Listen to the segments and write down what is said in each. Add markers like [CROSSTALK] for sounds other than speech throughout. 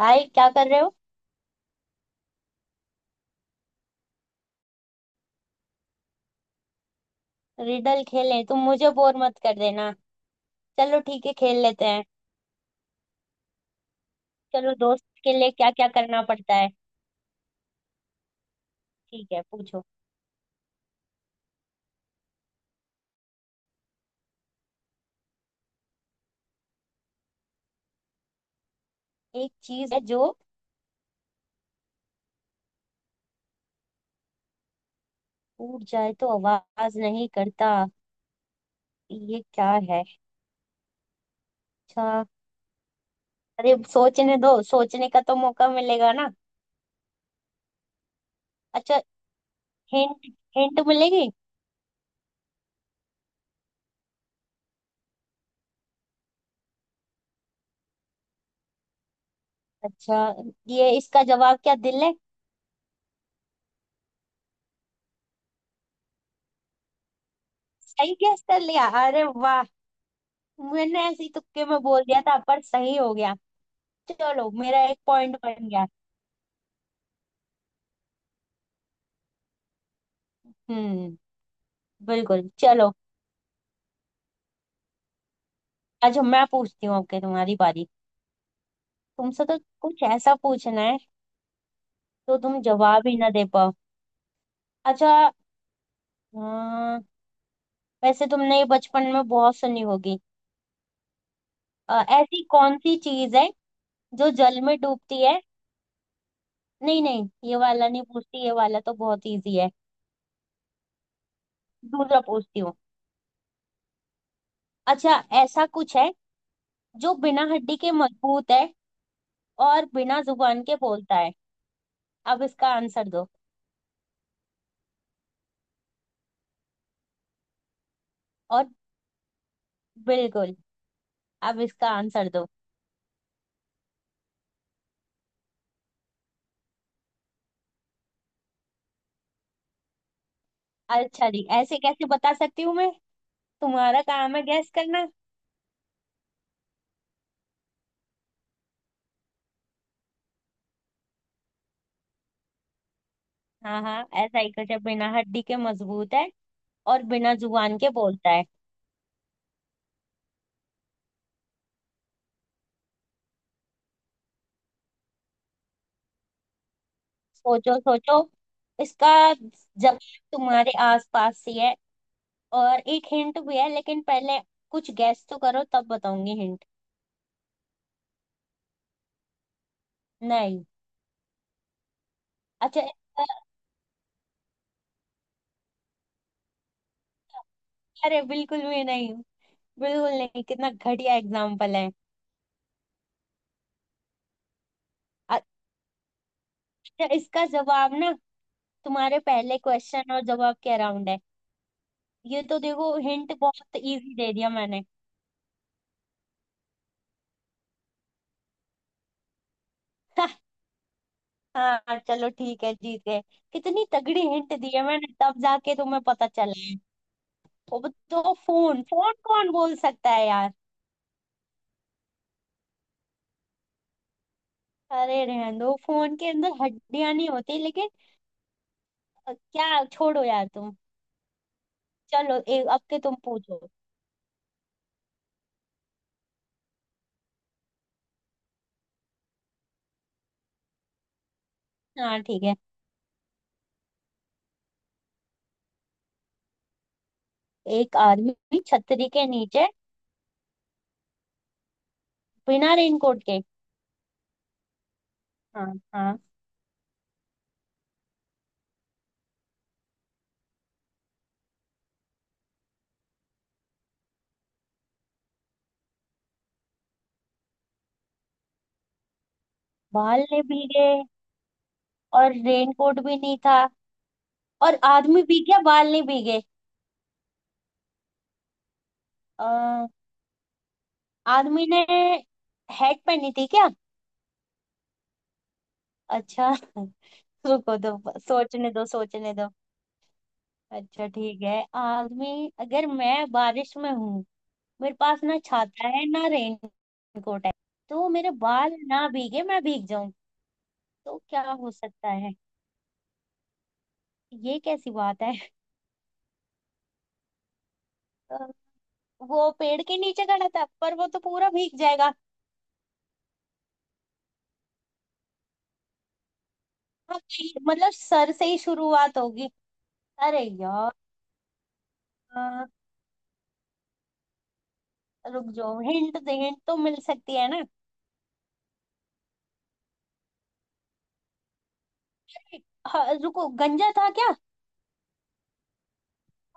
भाई क्या कर रहे हो। रिडल खेलें? तुम मुझे बोर मत कर देना। चलो ठीक है खेल लेते हैं। चलो दोस्त के लिए क्या क्या करना पड़ता है। ठीक है पूछो। एक चीज है जो टूट जाए तो आवाज नहीं करता, ये क्या है? अच्छा। अरे सोचने दो, सोचने का तो मौका मिलेगा ना। अच्छा। हिंट? हिंट मिलेगी? अच्छा। ये इसका जवाब क्या दिल है? सही गैस कर लिया, अरे वाह। मैंने ऐसे ही तुक्के में बोल दिया था पर सही हो गया। चलो मेरा एक पॉइंट बन गया। हम्म। बिल्कुल चलो। आज मैं पूछती हूँ, आपके तुम्हारी बारी। तुमसे तो कुछ ऐसा पूछना है तो तुम जवाब ही ना दे पाओ। अच्छा। अं, वैसे तुमने ये बचपन में बहुत सुनी होगी। ऐसी कौन सी चीज है जो जल में डूबती है। नहीं नहीं, ये वाला नहीं पूछती, ये वाला तो बहुत इजी है। दूसरा पूछती हूँ। अच्छा ऐसा कुछ है जो बिना हड्डी के मजबूत है और बिना जुबान के बोलता है, अब इसका आंसर दो। और बिल्कुल, अब इसका आंसर दो। अच्छा जी, ऐसे कैसे बता सकती हूँ मैं। तुम्हारा काम है गैस करना। हाँ हाँ, ऐसा ही कुछ है, बिना हड्डी के मजबूत है और बिना जुबान के बोलता है। सोचो सोचो, इसका जवाब तुम्हारे आसपास ही है। और एक हिंट भी है, लेकिन पहले कुछ गैस तो करो तब बताऊंगी हिंट। नहीं। अच्छा इसका। अरे बिल्कुल भी नहीं, बिल्कुल नहीं। कितना घटिया एग्जाम्पल है। अच्छा इसका जवाब ना, तुम्हारे पहले क्वेश्चन और जवाब के अराउंड है। ये तो देखो हिंट बहुत इजी दे दिया मैंने। [LAUGHS] हाँ चलो ठीक है, जीत गए। कितनी तगड़ी हिंट दी है मैंने तब जाके तुम्हें पता चला है। वो, तो फोन फोन कौन बोल सकता है यार। अरे रहने दो, फोन के अंदर हड्डियां नहीं होती लेकिन क्या छोड़ो यार तुम। चलो एक अब के तुम पूछो। हाँ ठीक है। एक आदमी छतरी के नीचे, बिना रेनकोट के। हाँ हाँ। बाल नहीं भीगे और रेनकोट भी नहीं था और आदमी भीग गया, बाल नहीं भीगे। अ, आर्मी ने हैट पहनी थी क्या? अच्छा [LAUGHS] रुको दो, सोचने दो सोचने दो। अच्छा ठीक है। आर्मी, अगर मैं बारिश में हूँ, मेरे पास ना छाता है ना रेन कोट है, तो मेरे बाल ना भीगे मैं भीग जाऊं, तो क्या हो सकता है? ये कैसी बात है। अ, वो पेड़ के नीचे खड़ा था पर वो तो पूरा भीग जाएगा। हाँ, मतलब सर से ही शुरुआत होगी। अरे यार, रुक जाओ, हिंट दे, हिंट तो मिल सकती है ना। हाँ, रुको, गंजा था क्या?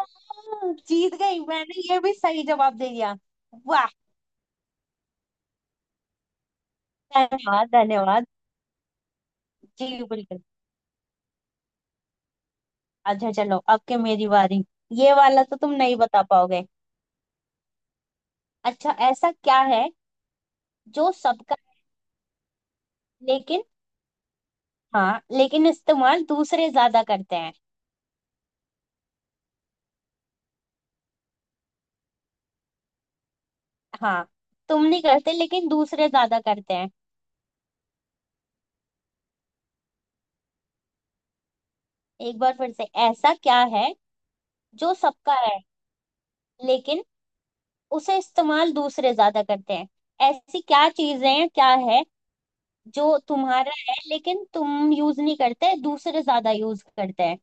हाँ, जीत गई मैंने, ये भी सही जवाब दे दिया। वाह। धन्यवाद धन्यवाद। जी बिल्कुल। अच्छा चलो अब के मेरी बारी। ये वाला तो तुम नहीं बता पाओगे। अच्छा ऐसा क्या है जो सबका, लेकिन, हाँ लेकिन इस्तेमाल दूसरे ज्यादा करते हैं। हाँ, तुम नहीं करते लेकिन दूसरे ज्यादा करते हैं। एक बार फिर से, ऐसा क्या है जो सबका है लेकिन उसे इस्तेमाल दूसरे ज्यादा करते हैं? ऐसी क्या चीजें हैं, क्या है जो तुम्हारा है लेकिन तुम यूज नहीं करते, दूसरे ज्यादा यूज करते हैं?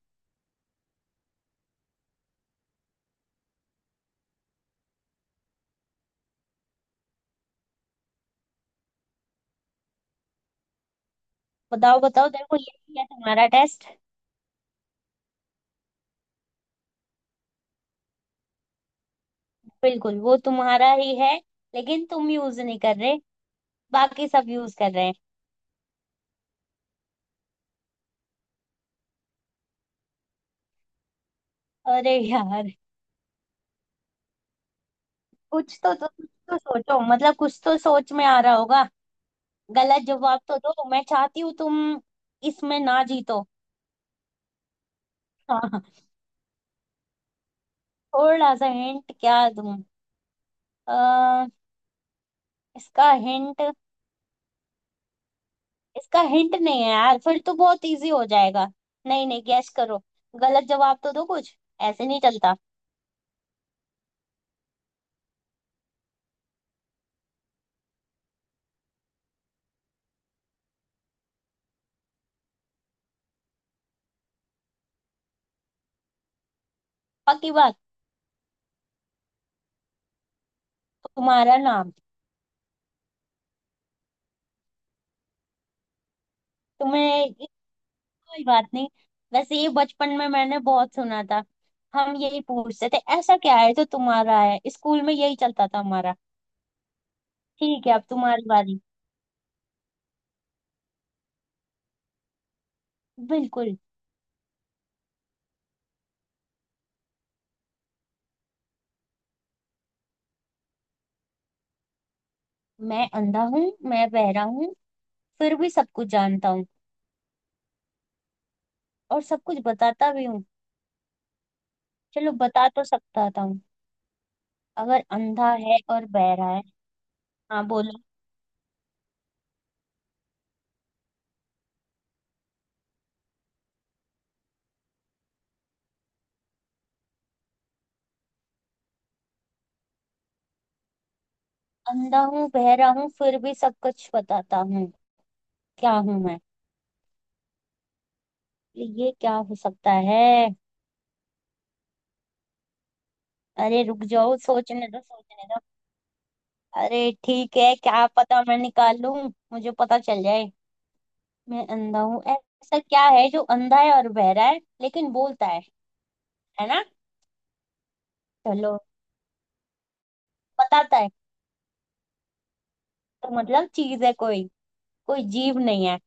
बताओ बताओ, तेरे को ये नहीं है, तुम्हारा टेस्ट। बिल्कुल वो तुम्हारा ही है, लेकिन तुम यूज नहीं कर रहे, बाकी सब यूज कर रहे हैं। अरे यार, कुछ तो कुछ तो सोचो, मतलब कुछ तो सोच में आ रहा होगा। गलत जवाब तो दो, मैं चाहती हूँ तुम इसमें ना जीतो। [LAUGHS] हाँ। थोड़ा सा हिंट क्या दूं? अ, इसका हिंट, इसका हिंट नहीं है यार, फिर तो बहुत इजी हो जाएगा। नहीं नहीं, गैस करो, गलत जवाब तो दो कुछ। ऐसे नहीं चलता। पक्की बात। तुम्हारा नाम। तुम्हें कोई बात नहीं। वैसे ये बचपन में मैंने बहुत सुना था, हम यही पूछते थे ऐसा क्या है तो तुम्हारा है, स्कूल में यही चलता था हमारा। ठीक है अब तुम्हारी बारी। बिल्कुल। मैं अंधा हूँ, मैं बहरा हूँ, फिर भी सब कुछ जानता हूँ और सब कुछ बताता भी हूँ। चलो बता तो सकता था हूँ, अगर अंधा है और बहरा है। हाँ बोलो। अंधा हूँ, बह रहा हूँ, फिर भी सब कुछ बताता हूँ, क्या हूँ मैं? ये क्या हो सकता है? अरे रुक जाओ, सोचने दो सोचने दो। अरे ठीक है, क्या पता मैं निकाल लूं, मुझे पता चल जाए। मैं अंधा हूँ, ऐसा क्या है जो अंधा है और बहरा है लेकिन बोलता है ना? चलो, बताता है तो मतलब चीज है, कोई कोई जीव नहीं है।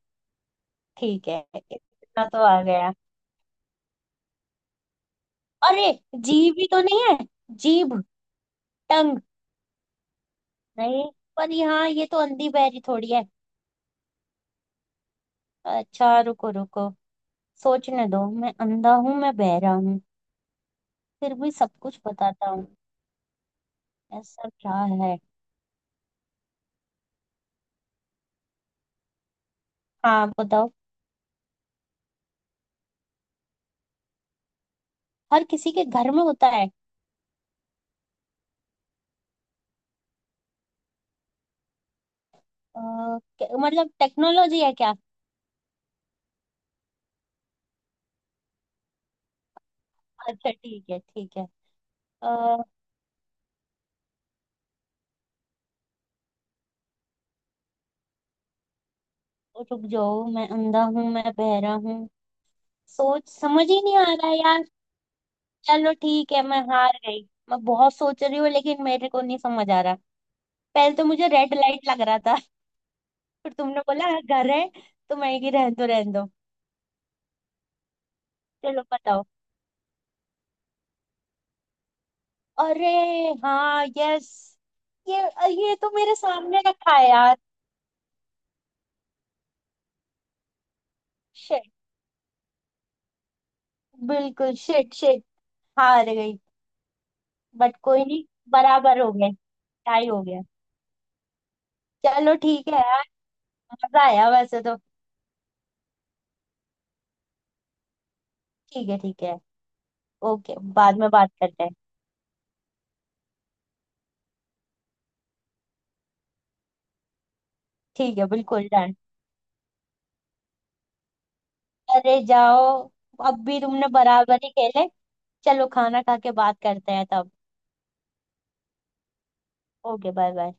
ठीक है, इतना तो आ गया। अरे जीव ही तो नहीं है। जीभ, टंग। नहीं, पर यहाँ ये तो अंधी बहरी थोड़ी है। अच्छा रुको रुको, सोचने दो। मैं अंधा हूँ, मैं बहरा हूँ, फिर भी सब कुछ बताता हूँ, ऐसा क्या है? हाँ बताओ। हर किसी के घर में होता है? अ, मतलब टेक्नोलॉजी है क्या? अच्छा ठीक है ठीक है। अ, रुक जाओ, मैं अंधा हूँ मैं बहरा हूँ, सोच समझ ही नहीं आ रहा यार। चलो ठीक है, मैं हार गई। मैं बहुत सोच रही हूँ लेकिन मेरे को नहीं समझ आ रहा। पहले तो मुझे रेड लाइट लग रहा था, फिर तुमने बोला "हाँ, घर है", तो मैं कि रहने दो रहने दो। चलो बताओ। अरे हाँ, यस। ये ये तो मेरे सामने रखा है यार। शिट। बिल्कुल शिट शिट। हार गई। बट कोई नहीं, बराबर हो गए, टाई हो गया। चलो ठीक है यार। मजा आया वैसे तो। ठीक है ठीक है। ओके, बाद में बात करते हैं। ठीक है बिल्कुल डन। अरे जाओ, अब भी तुमने बराबर ही खेले। चलो खाना खा के बात करते हैं तब। Okay, bye bye.